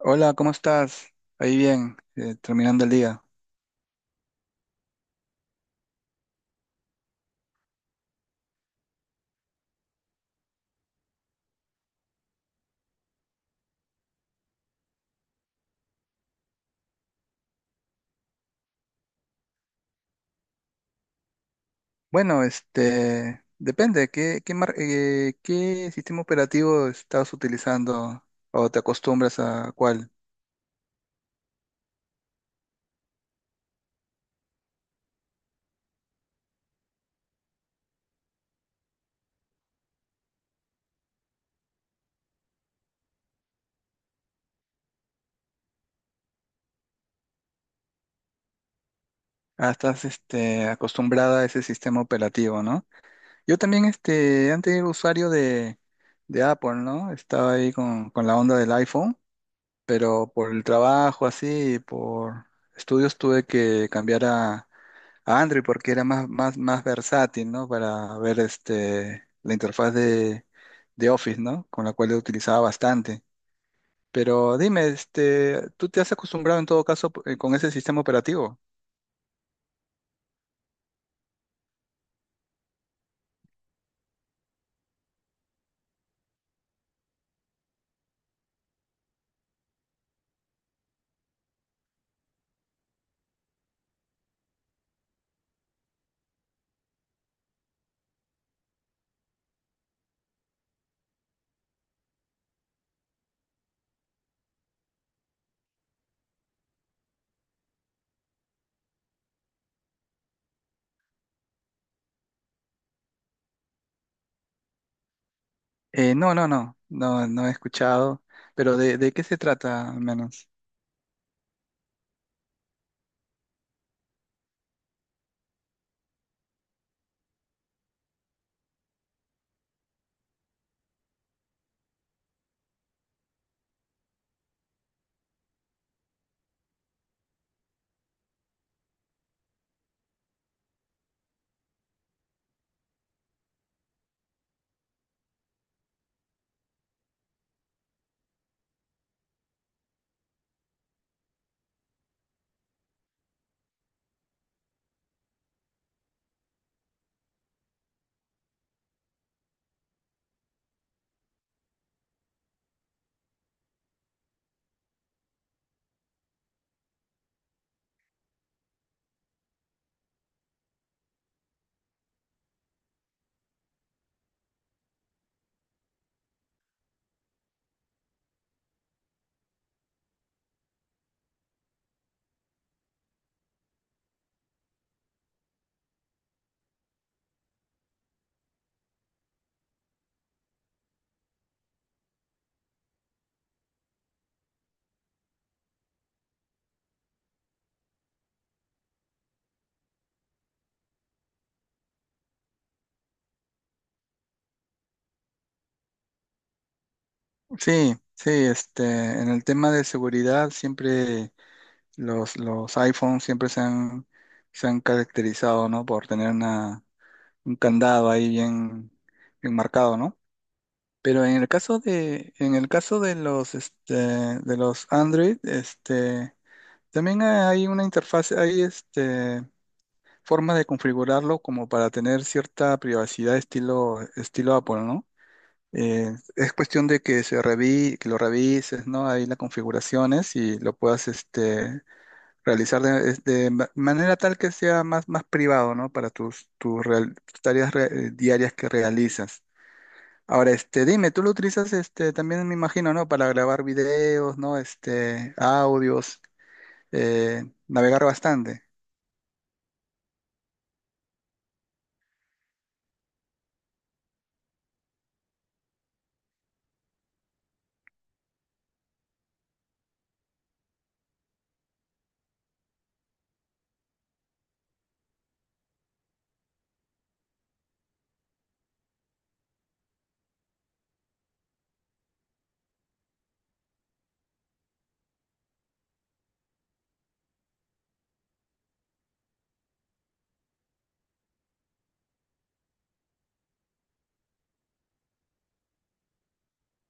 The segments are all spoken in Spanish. Hola, ¿cómo estás? Ahí bien, terminando el día. Bueno, depende, ¿ qué sistema operativo estás utilizando o te acostumbras a cuál? Ah, estás acostumbrada a ese sistema operativo, ¿no? Yo también antes era usuario de Apple, ¿no? Estaba ahí con la onda del iPhone, pero por el trabajo así, y por estudios tuve que cambiar a Android porque era más, más, más versátil, ¿no? Para ver la interfaz de Office, ¿no? Con la cual lo utilizaba bastante. Pero dime, ¿tú te has acostumbrado en todo caso con ese sistema operativo? No, no, no, no, no he escuchado. Pero ¿ de qué se trata al menos? Sí, sí, en el tema de seguridad siempre los iPhones siempre se han caracterizado, ¿no? Por tener una, un candado ahí bien, bien marcado, ¿no? Pero en el caso de los, de los Android, también hay una interfaz, hay forma de configurarlo como para tener cierta privacidad estilo, estilo Apple, ¿no? Es cuestión de que que lo revises, ¿no? Ahí las configuraciones y lo puedas, realizar de manera tal que sea más, más privado, ¿no? Para tus tareas diarias que realizas. Ahora, dime, tú lo utilizas, también me imagino, ¿no? Para grabar videos, ¿no? Este, audios, navegar bastante.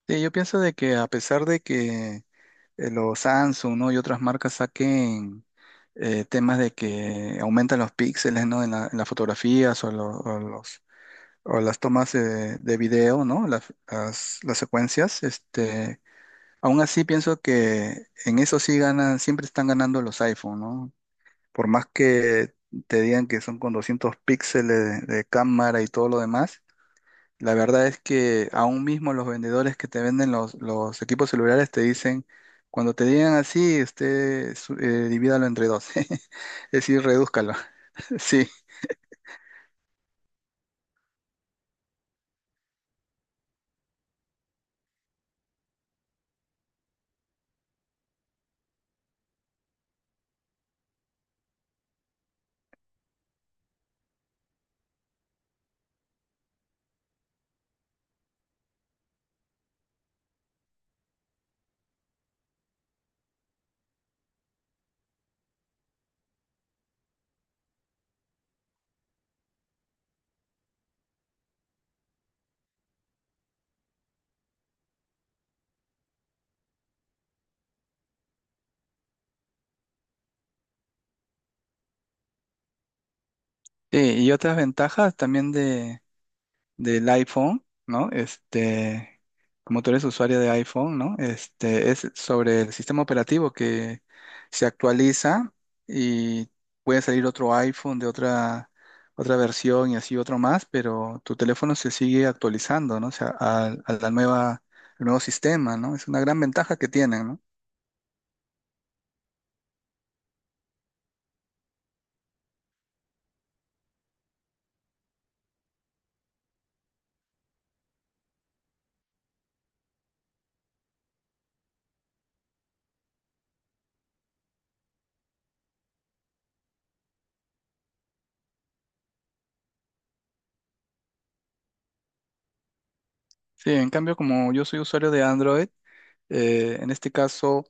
Sí, yo pienso de que a pesar de que los Samsung, ¿no? Y otras marcas saquen temas de que aumentan los píxeles, ¿no? En las fotografías o los, o las tomas de video, ¿no? Las secuencias, aún así pienso que en eso sí ganan, siempre están ganando los iPhone, ¿no? Por más que te digan que son con 200 píxeles de cámara y todo lo demás, la verdad es que aún mismo los vendedores que te venden los equipos celulares te dicen, cuando te digan así, divídalo entre dos, es decir, redúzcalo. Sí. Sí, y otras ventajas también del iPhone, ¿no? Este, como tú eres usuario de iPhone, ¿no? Este, es sobre el sistema operativo que se actualiza y puede salir otro iPhone de otra, otra versión y así otro más, pero tu teléfono se sigue actualizando, ¿no? O sea, la nueva, el nuevo sistema, ¿no? Es una gran ventaja que tienen, ¿no? Sí, en cambio, como yo soy usuario de Android, en este caso,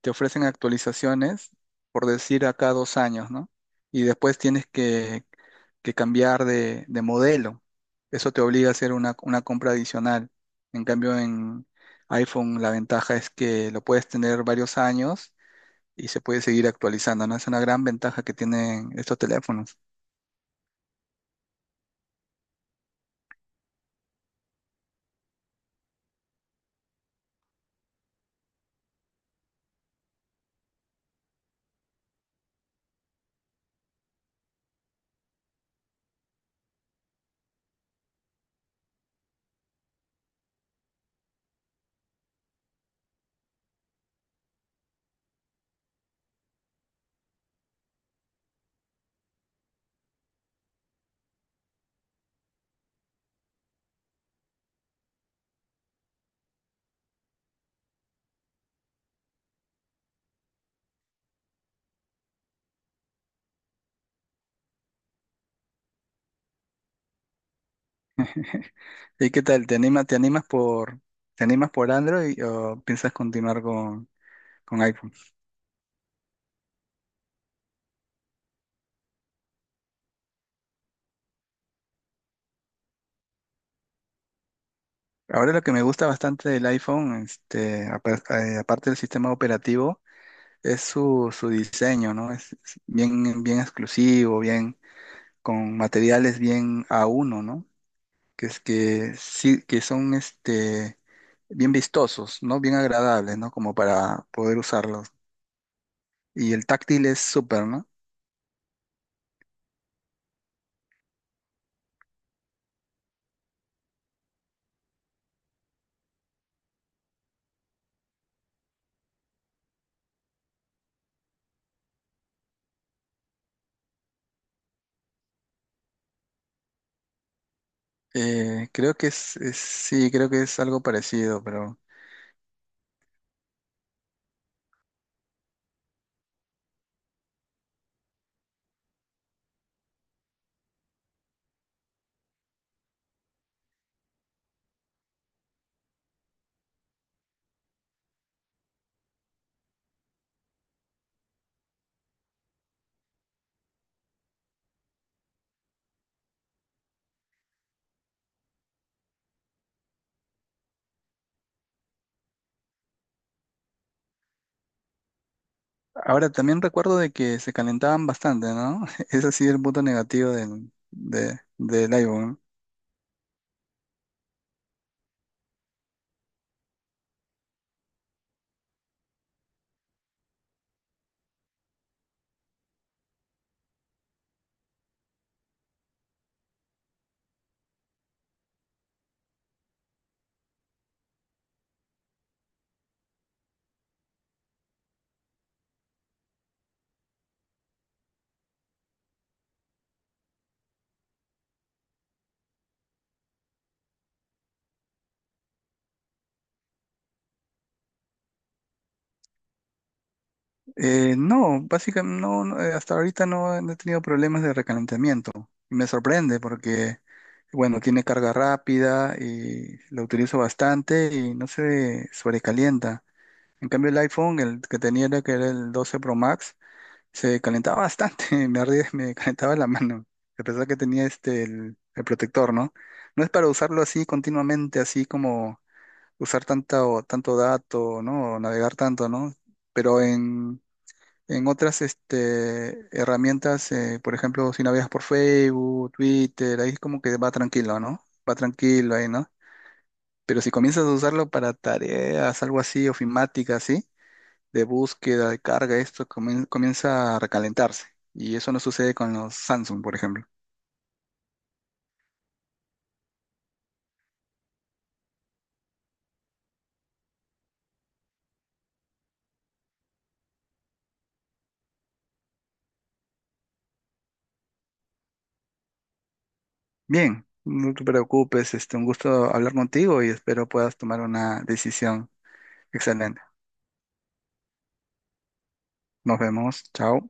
te ofrecen actualizaciones, por decir, a cada dos años, ¿no? Y después que cambiar de modelo. Eso te obliga a hacer una compra adicional. En cambio, en iPhone la ventaja es que lo puedes tener varios años y se puede seguir actualizando, ¿no? Es una gran ventaja que tienen estos teléfonos. ¿Y qué tal? ¿ te animas por te animas por Android o piensas continuar con iPhone? Ahora lo que me gusta bastante del iPhone, aparte del sistema operativo, es su, su diseño, ¿no? Es bien, bien exclusivo, bien, con materiales bien a uno, ¿no? Que es que sí, que son bien vistosos, ¿no? Bien agradables, ¿no? Como para poder usarlos. Y el táctil es súper, ¿no? Creo que sí, creo que es algo parecido, pero ahora también recuerdo de que se calentaban bastante, ¿no? Ese sí es el punto negativo del iPhone. No, básicamente no, no, hasta ahorita no, he no he tenido problemas de recalentamiento. Y me sorprende porque, bueno, tiene carga rápida y lo utilizo bastante y no se sobrecalienta. En cambio el iPhone, el que tenía era el 12 Pro Max. Se calentaba bastante, me ardía, me calentaba la mano, a pesar que tenía el protector, ¿no? No es para usarlo así continuamente, así como usar tanto, tanto dato, ¿no? O navegar tanto, ¿no? Pero en, en otras herramientas, por ejemplo, si navegas por Facebook, Twitter, ahí es como que va tranquilo, ¿no? Va tranquilo ahí, ¿no? Pero si comienzas a usarlo para tareas, algo así, ofimática, así de búsqueda, de carga, comienza a recalentarse. Y eso no sucede con los Samsung, por ejemplo. Bien, no te preocupes, un gusto hablar contigo y espero puedas tomar una decisión excelente. Nos vemos, chao.